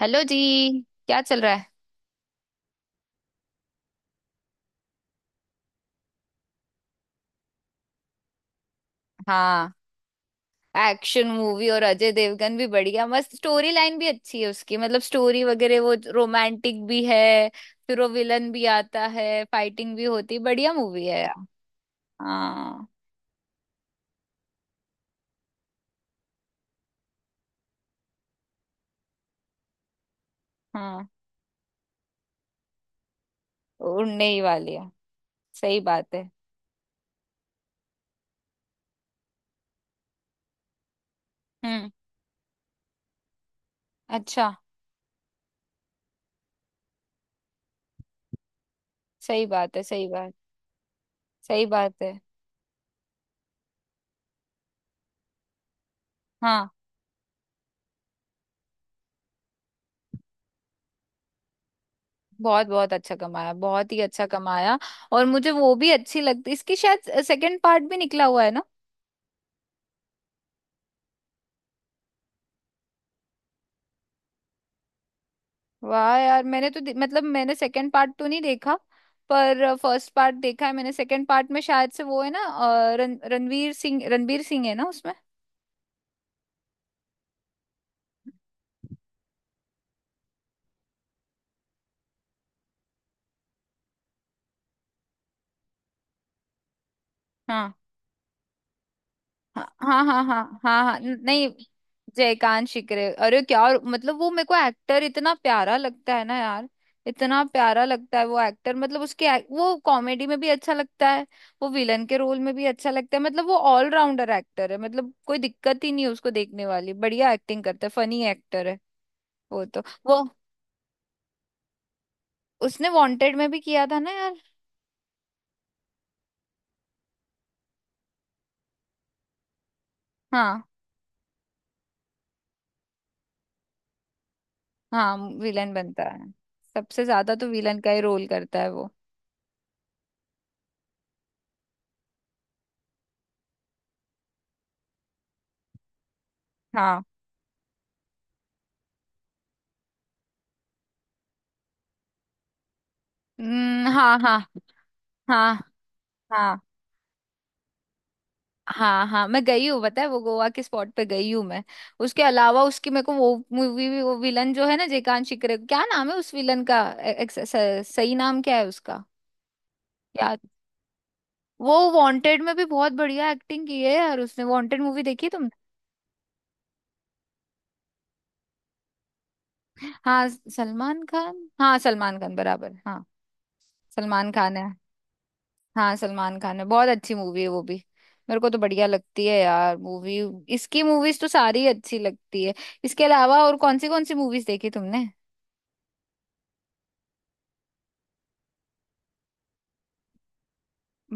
Hello जी। क्या चल रहा है? हाँ, एक्शन मूवी और अजय देवगन भी बढ़िया, मस्त। स्टोरी लाइन भी अच्छी है उसकी, मतलब स्टोरी वगैरह, वो रोमांटिक भी है। फिर वो विलन भी आता है, फाइटिंग भी होती है, बढ़िया मूवी है यार। हाँ। हाँ, उड़ने ही वाली है। सही बात है। हम्म। अच्छा। सही बात है, सही बात। सही बात है। हाँ, बहुत बहुत अच्छा कमाया, बहुत ही अच्छा कमाया। और मुझे वो भी अच्छी लगती इसकी, शायद सेकंड पार्ट भी निकला हुआ है ना। वाह यार, मैंने तो मतलब मैंने सेकंड पार्ट तो नहीं देखा। पर फर्स्ट पार्ट देखा है मैंने। सेकंड पार्ट में शायद से वो है ना, रणवीर सिंह, रणवीर सिंह है ना उसमें। हाँ हाँ हाँ हाँ हाँ हाँ हाँ, नहीं। जयकांत शिकरे, अरे क्या मतलब वो मेरे को एक्टर इतना प्यारा लगता है ना यार। इतना प्यारा लगता है वो एक्टर, मतलब उसके वो कॉमेडी में भी अच्छा लगता है। वो विलन के रोल में भी अच्छा लगता है, मतलब वो ऑलराउंडर एक्टर है, मतलब कोई दिक्कत ही नहीं है उसको देखने वाली, बढ़िया एक्टिंग करता है, फनी एक्टर है वो तो। वो उसने वांटेड में भी किया था ना यार। हाँ। हाँ, विलन बनता है। सबसे ज्यादा तो विलन का ही रोल करता है वो। हाँ। हाँ हाँ। हाँ हाँ। हाँ हाँ मैं गई हूँ, पता है वो गोवा के स्पॉट पे गई हूँ मैं। उसके अलावा उसकी मेरे को वो मूवी भी, वो विलन जो है ना, जयकांत शिकरे, क्या नाम है उस विलन का? सही नाम क्या है उसका? याद। वो वांटेड में भी बहुत बढ़िया एक्टिंग की है यार उसने। वांटेड मूवी देखी तुमने? हाँ, सलमान खान, हाँ सलमान खान बराबर, हाँ। सलमान खान है। हाँ, सलमान खान है, बहुत अच्छी मूवी है वो भी। मेरे को तो बढ़िया लगती है यार मूवी। इसकी मूवीज तो सारी अच्छी लगती है। इसके अलावा और कौन सी मूवीज देखी तुमने?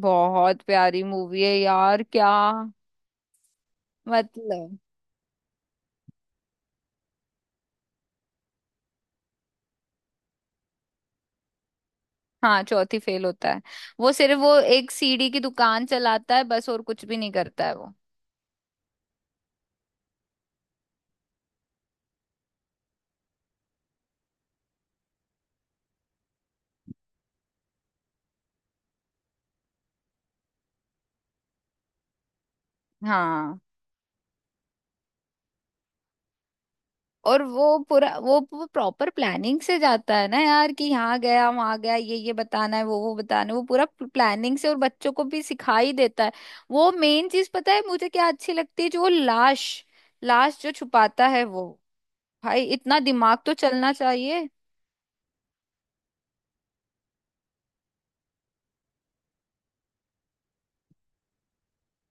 बहुत प्यारी मूवी है यार क्या। मतलब। हाँ, चौथी फेल होता है। वो सिर्फ वो एक सीढ़ी की दुकान चलाता है बस, और कुछ भी नहीं करता है वो। हाँ। और वो पूरा वो प्रॉपर प्लानिंग से जाता है ना यार, कि यहाँ गया, वहाँ गया, ये बताना है, वो बताना है, वो पूरा प्लानिंग से, और बच्चों को भी सिखा ही देता है। वो मेन चीज पता है मुझे क्या अच्छी लगती है, जो वो लाश, लाश जो छुपाता है वो। भाई, इतना दिमाग तो चलना चाहिए।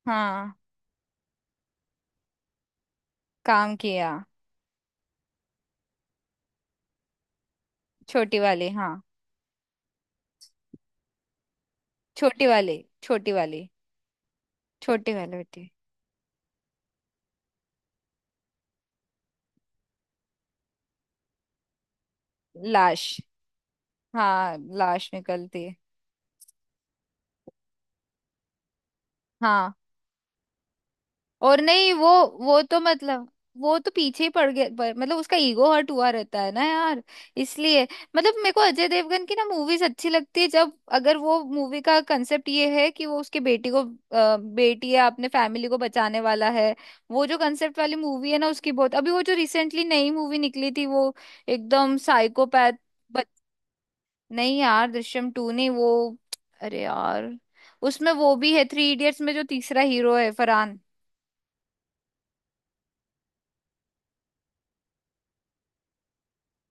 हाँ। काम किया। छोटी वाली, हाँ। छोटी वाली, छोटी वाली। छोटी वाली बेटी। लाश। हाँ, लाश निकलती है। हाँ। और नहीं वो। वो तो मतलब, वो तो पीछे ही पड़ गया, पर मतलब उसका ईगो हर्ट हुआ रहता है ना यार, इसलिए। मतलब मेरे को अजय देवगन की ना मूवीज अच्छी लगती है जब, अगर वो मूवी का कंसेप्ट ये है कि वो उसके बेटी को बेटी या अपने फैमिली को बचाने वाला है। वो जो कंसेप्ट वाली मूवी है ना उसकी बहुत, अभी वो जो रिसेंटली नई मूवी निकली थी वो एकदम साइकोपैथ। बच नहीं यार, दृश्यम टू नहीं वो, अरे यार। उसमें वो भी है, थ्री इडियट्स में जो तीसरा हीरो है, फरहान।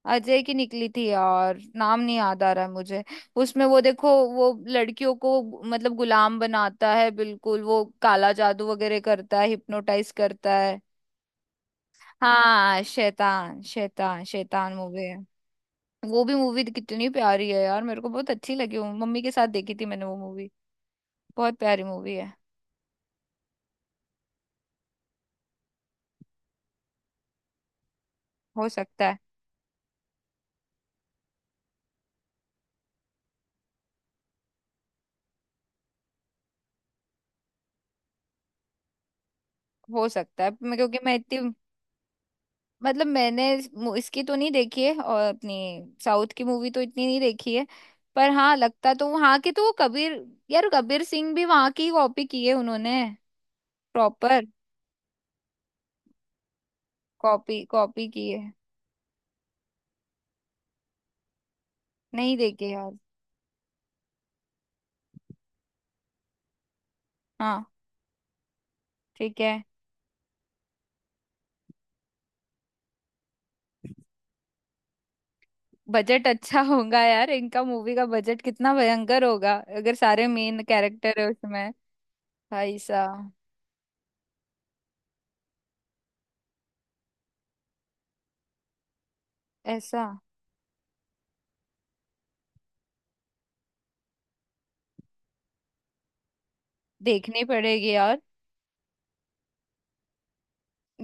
अजय की निकली थी यार, नाम नहीं याद आ रहा है मुझे। उसमें वो देखो, वो लड़कियों को मतलब गुलाम बनाता है, बिल्कुल वो काला जादू वगैरह करता है, हिप्नोटाइज करता है। हाँ, शैतान शैतान शैतान मूवी है। वो भी मूवी कितनी प्यारी है यार, मेरे को बहुत अच्छी लगी, वो मम्मी के साथ देखी थी मैंने वो मूवी। बहुत प्यारी मूवी है। हो सकता है। हो सकता है क्योंकि मैं इतनी, मतलब मैंने इसकी तो नहीं देखी है, और अपनी साउथ की मूवी तो इतनी नहीं देखी है। पर हाँ, लगता तो वहाँ के, तो वो कबीर, यार कबीर सिंह भी वहाँ की कॉपी की है उन्होंने, प्रॉपर कॉपी कॉपी की है। नहीं देखी यार। हाँ ठीक है। बजट अच्छा होगा यार इनका मूवी का बजट, कितना भयंकर होगा अगर सारे मेन कैरेक्टर है उसमें। भाई साहब। ऐसा। देखनी पड़ेगी यार।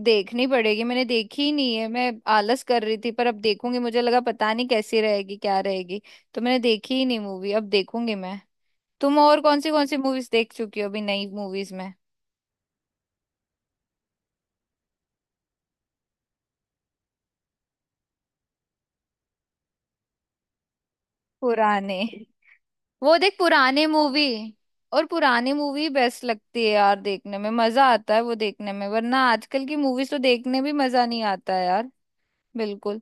देखनी पड़ेगी, मैंने देखी ही नहीं है, मैं आलस कर रही थी, पर अब देखूंगी, मुझे लगा पता नहीं कैसी रहेगी क्या रहेगी, तो मैंने देखी ही नहीं मूवी, अब देखूंगी मैं। तुम और कौन सी मूवीज देख चुकी हो अभी, नई मूवीज में? पुराने। वो देख पुराने मूवी। और पुरानी मूवी बेस्ट लगती है यार, देखने में मजा आता है वो, देखने में। वरना आजकल की मूवीज तो देखने भी मजा नहीं आता है यार। बिल्कुल।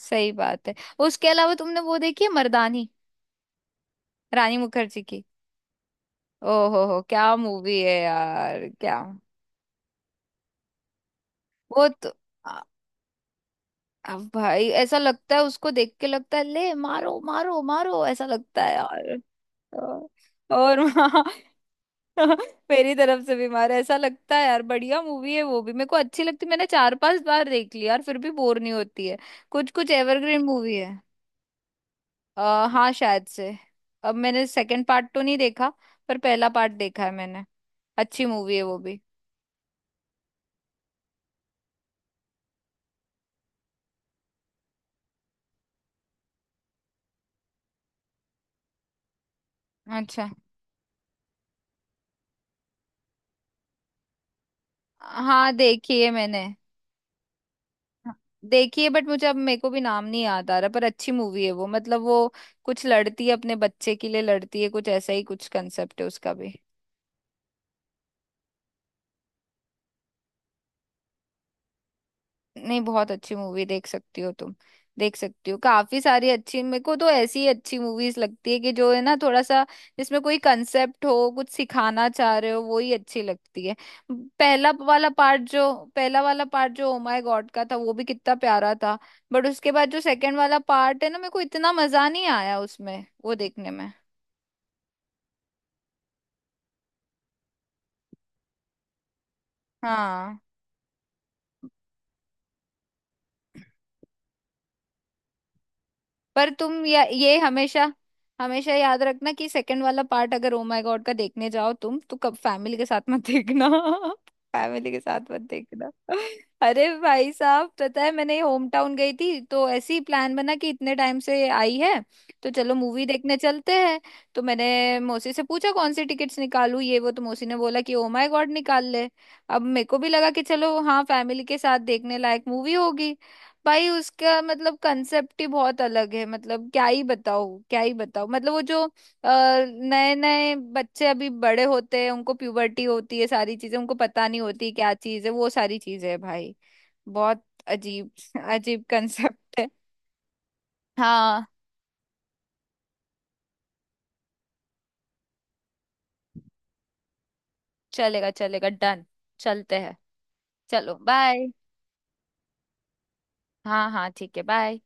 सही बात है। उसके अलावा तुमने वो देखी है मर्दानी, रानी मुखर्जी की? ओहो हो, क्या मूवी है यार, क्या। वो तो आ- भाई, ऐसा लगता है उसको देख के, लगता है ले मारो मारो मारो, ऐसा लगता है यार। अ, और वहाँ मेरी तरफ से भी मारो, ऐसा लगता है यार। बढ़िया मूवी है वो भी, मेरे को अच्छी लगती, मैंने चार पांच बार देख ली यार, फिर भी बोर नहीं होती है, कुछ कुछ एवरग्रीन मूवी है। हाँ शायद से। अब मैंने सेकंड पार्ट तो नहीं देखा, पर पहला पार्ट देखा है मैंने। अच्छी मूवी है वो भी। अच्छा। हाँ, देखी है मैंने। हाँ, देखिए, बट मुझे अब मेरे को भी नाम नहीं याद आ रहा, पर अच्छी मूवी है वो, मतलब वो कुछ लड़ती है अपने बच्चे के लिए, लड़ती है, कुछ ऐसा ही कुछ कंसेप्ट है उसका भी। नहीं, बहुत अच्छी मूवी, देख सकती हो तुम, देख सकती हो, काफी सारी अच्छी। मेरे को तो ऐसी अच्छी मूवीज लगती है, कि जो है ना थोड़ा सा, जिसमें कोई कंसेप्ट हो, कुछ सिखाना चाह रहे हो, वो ही अच्छी लगती है। पहला वाला पार्ट जो ओ माय गॉड का था, वो भी कितना प्यारा था। बट उसके बाद जो सेकंड वाला पार्ट है ना, मेरे को इतना मजा नहीं आया उसमें, वो देखने में। हाँ, पर तुम ये हमेशा, हमेशा याद रखना, कि सेकंड वाला पार्ट अगर ओ माय गॉड का देखने जाओ तुम, तो कब फैमिली के साथ मत देखना। फैमिली के साथ मत देखना। अरे भाई साहब, पता है मैंने होम टाउन गई थी, तो ऐसी प्लान बना कि इतने टाइम से आई है तो चलो मूवी देखने चलते हैं। तो मैंने मौसी से पूछा कौन सी टिकट्स निकालूं ये वो, तो मौसी ने बोला कि ओ माय गॉड निकाल ले। अब मेरे को भी लगा कि चलो, हाँ, फैमिली के साथ देखने लायक मूवी होगी। भाई, उसका मतलब कंसेप्ट ही बहुत अलग है, मतलब क्या ही बताओ, क्या ही बताओ। मतलब वो जो नए नए बच्चे अभी बड़े होते हैं, उनको प्यूबर्टी होती है, सारी चीजें उनको पता नहीं होती क्या चीज है, वो सारी चीजें है भाई। बहुत अजीब। अजीब कंसेप्ट है। हाँ। चलेगा चलेगा, डन। चलते हैं। चलो बाय। हाँ हाँ ठीक है, बाय।